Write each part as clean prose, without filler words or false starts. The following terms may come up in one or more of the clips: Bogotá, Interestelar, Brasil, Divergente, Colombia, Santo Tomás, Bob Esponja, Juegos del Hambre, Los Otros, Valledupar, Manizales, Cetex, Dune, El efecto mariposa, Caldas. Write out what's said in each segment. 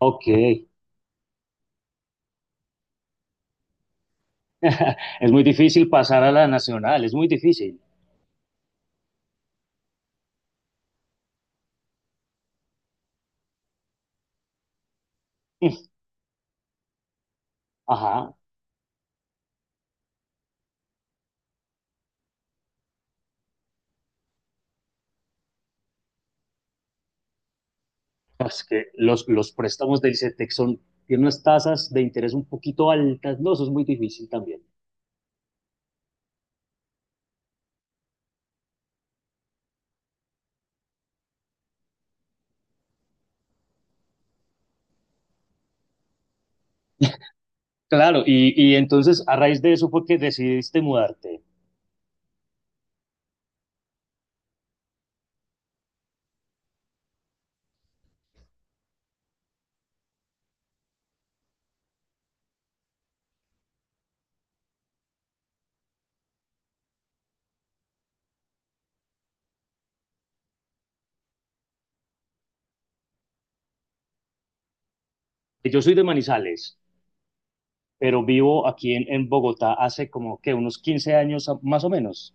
Ok. Es muy difícil pasar a la nacional, es muy difícil. Ajá. Es que los préstamos del Cetex son, tienen unas tasas de interés un poquito altas, no, eso es muy difícil también. Claro, y entonces a raíz de eso fue que decidiste mudarte. Yo soy de Manizales, pero vivo aquí en Bogotá hace como que unos 15 años a- más o menos.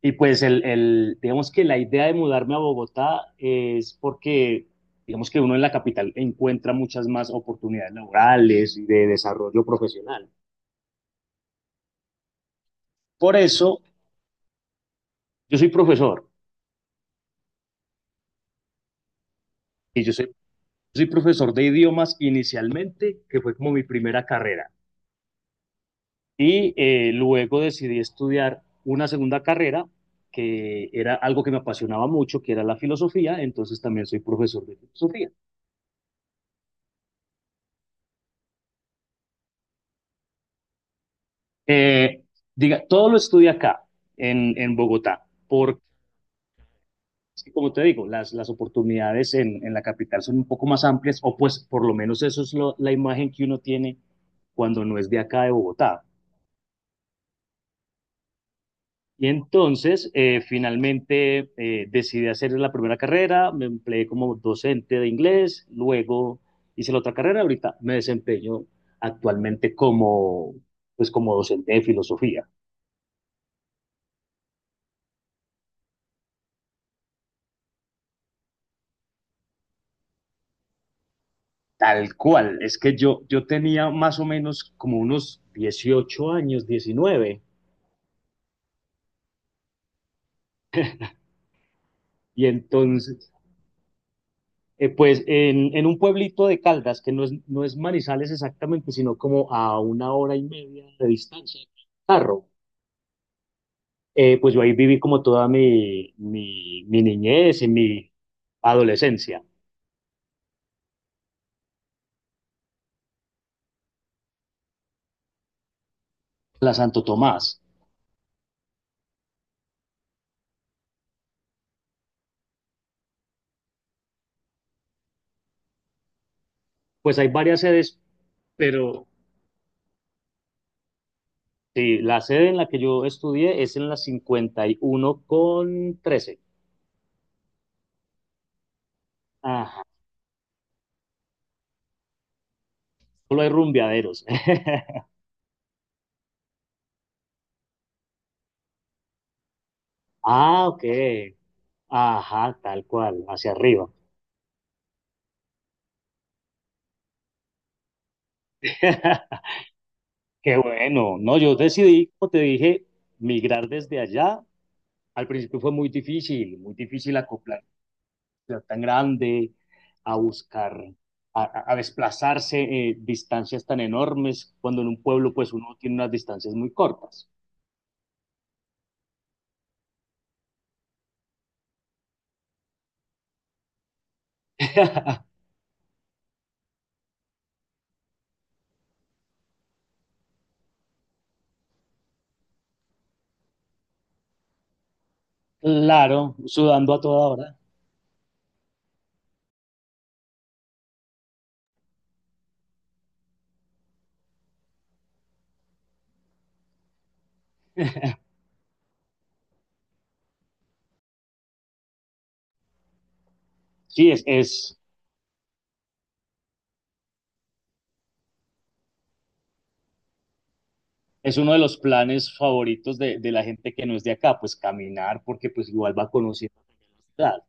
Y pues digamos que la idea de mudarme a Bogotá es porque, digamos que uno en la capital encuentra muchas más oportunidades laborales y de desarrollo profesional. Por eso, yo soy profesor y soy profesor de idiomas inicialmente, que fue como mi primera carrera. Y luego decidí estudiar una segunda carrera que era algo que me apasionaba mucho, que era la filosofía, entonces también soy profesor de filosofía. Eh, Diga, todo lo estudia acá, en Bogotá, porque, como te digo, las oportunidades en la capital son un poco más amplias, o pues por lo menos eso es lo- la imagen que uno tiene cuando no es de acá de Bogotá. Y entonces, finalmente, decidí hacer la primera carrera, me empleé como docente de inglés, luego hice la otra carrera, ahorita me desempeño actualmente como, pues como docente de filosofía. Tal cual, es que yo tenía más o menos como unos 18 años, 19 y entonces, pues en, un pueblito de Caldas, que no es Manizales exactamente, sino como a una hora y media de distancia, carro, pues yo ahí viví como toda mi niñez y mi adolescencia, la Santo Tomás. Pues hay varias sedes, pero sí, la sede en la que yo estudié es en la 51 con 13. Solo hay rumbeaderos. Ah, ok. Ajá, tal cual, hacia arriba. Qué bueno. No, yo decidí, como te dije, migrar desde allá. Al principio fue muy difícil acoplar ciudad tan grande, a buscar, a desplazarse distancias tan enormes, cuando en un pueblo pues uno tiene unas distancias muy cortas. Claro, sudando a toda hora. Sí, es, es, Es uno de los planes favoritos de la gente que no es de acá, pues caminar, porque pues igual va conociendo la ciudad.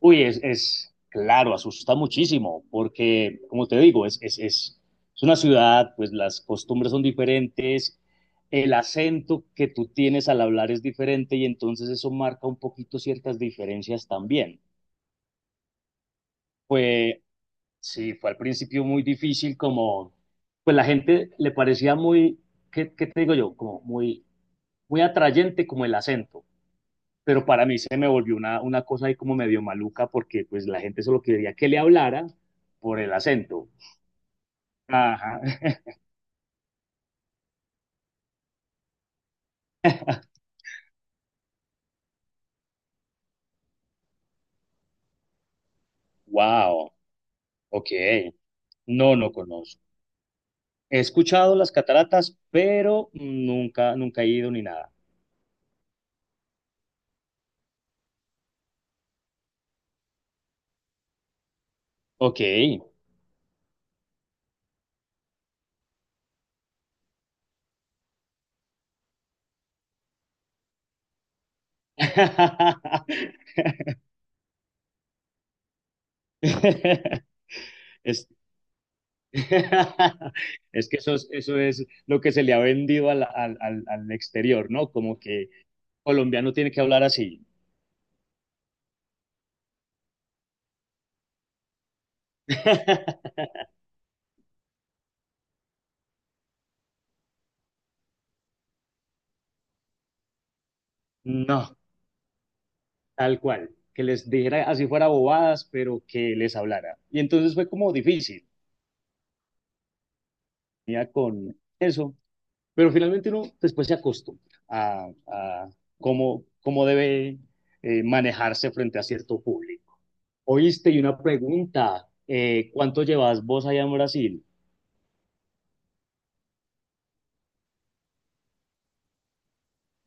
Uy, es claro, asusta muchísimo, porque como te digo, es una ciudad, pues las costumbres son diferentes, el acento que tú tienes al hablar es diferente y entonces eso marca un poquito ciertas diferencias también. Pues sí, fue al principio muy difícil como, pues la gente le parecía muy, ¿qué, qué te digo yo? Como muy muy atrayente como el acento, pero para mí se me volvió una cosa ahí como medio maluca porque pues la gente solo quería que le hablara por el acento. Ajá. Wow, ok. No, no conozco. He escuchado las cataratas, pero nunca, nunca he ido ni nada. Ok. Es, es que eso es lo que se le ha vendido al exterior, ¿no? Como que colombiano tiene que hablar así. No, tal cual, que les dijera así fuera bobadas, pero que les hablara. Y entonces fue como difícil, ya con eso, pero finalmente uno después se acostumbra a cómo, cómo debe manejarse frente a cierto público. Oíste, y una pregunta, ¿cuánto llevas vos allá en Brasil?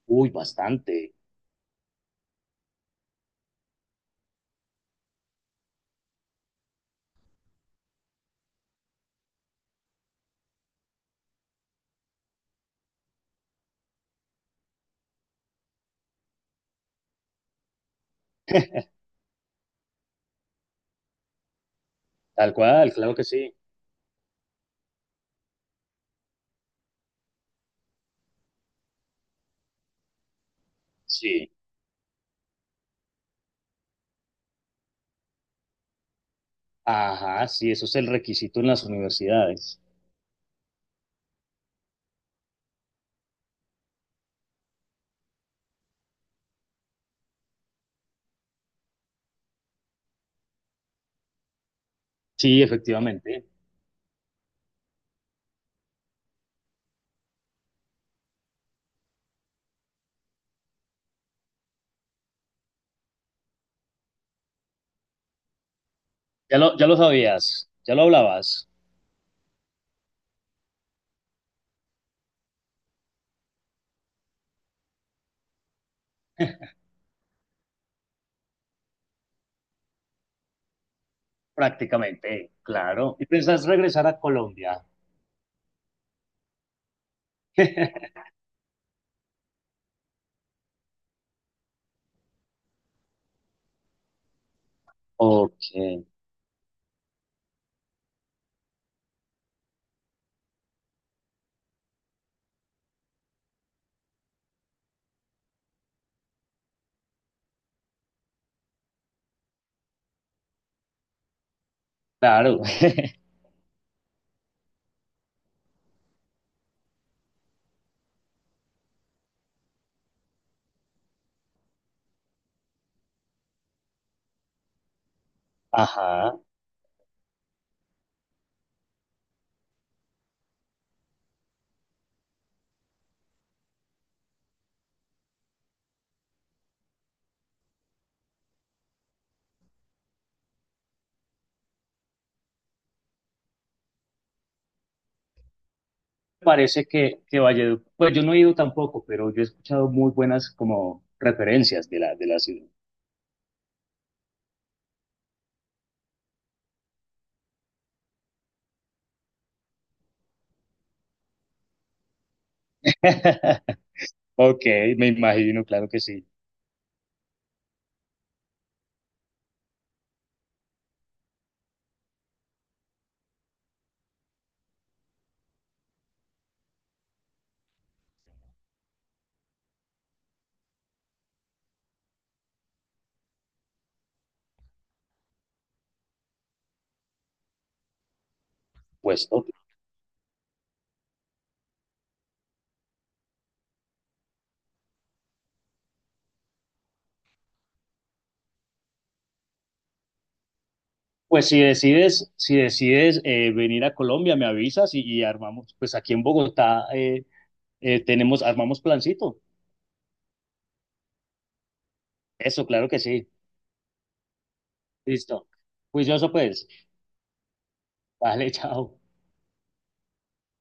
Uy, bastante, tal cual, claro que sí. Sí, ajá, sí, eso es el requisito en las universidades. Sí, efectivamente. Ya lo sabías, ya lo hablabas. Prácticamente, claro. ¿Y piensas regresar a Colombia? Ok, claro. Ajá. Parece que Valledupar, pues yo no he ido tampoco, pero yo he escuchado muy buenas como referencias de la ciudad. Ok, me imagino, claro que sí. Pues, ok. Pues si decides, si decides venir a Colombia, me avisas y armamos, pues aquí en Bogotá tenemos, armamos plancito. Eso, claro que sí. Listo. Juicioso pues. Vale, chao.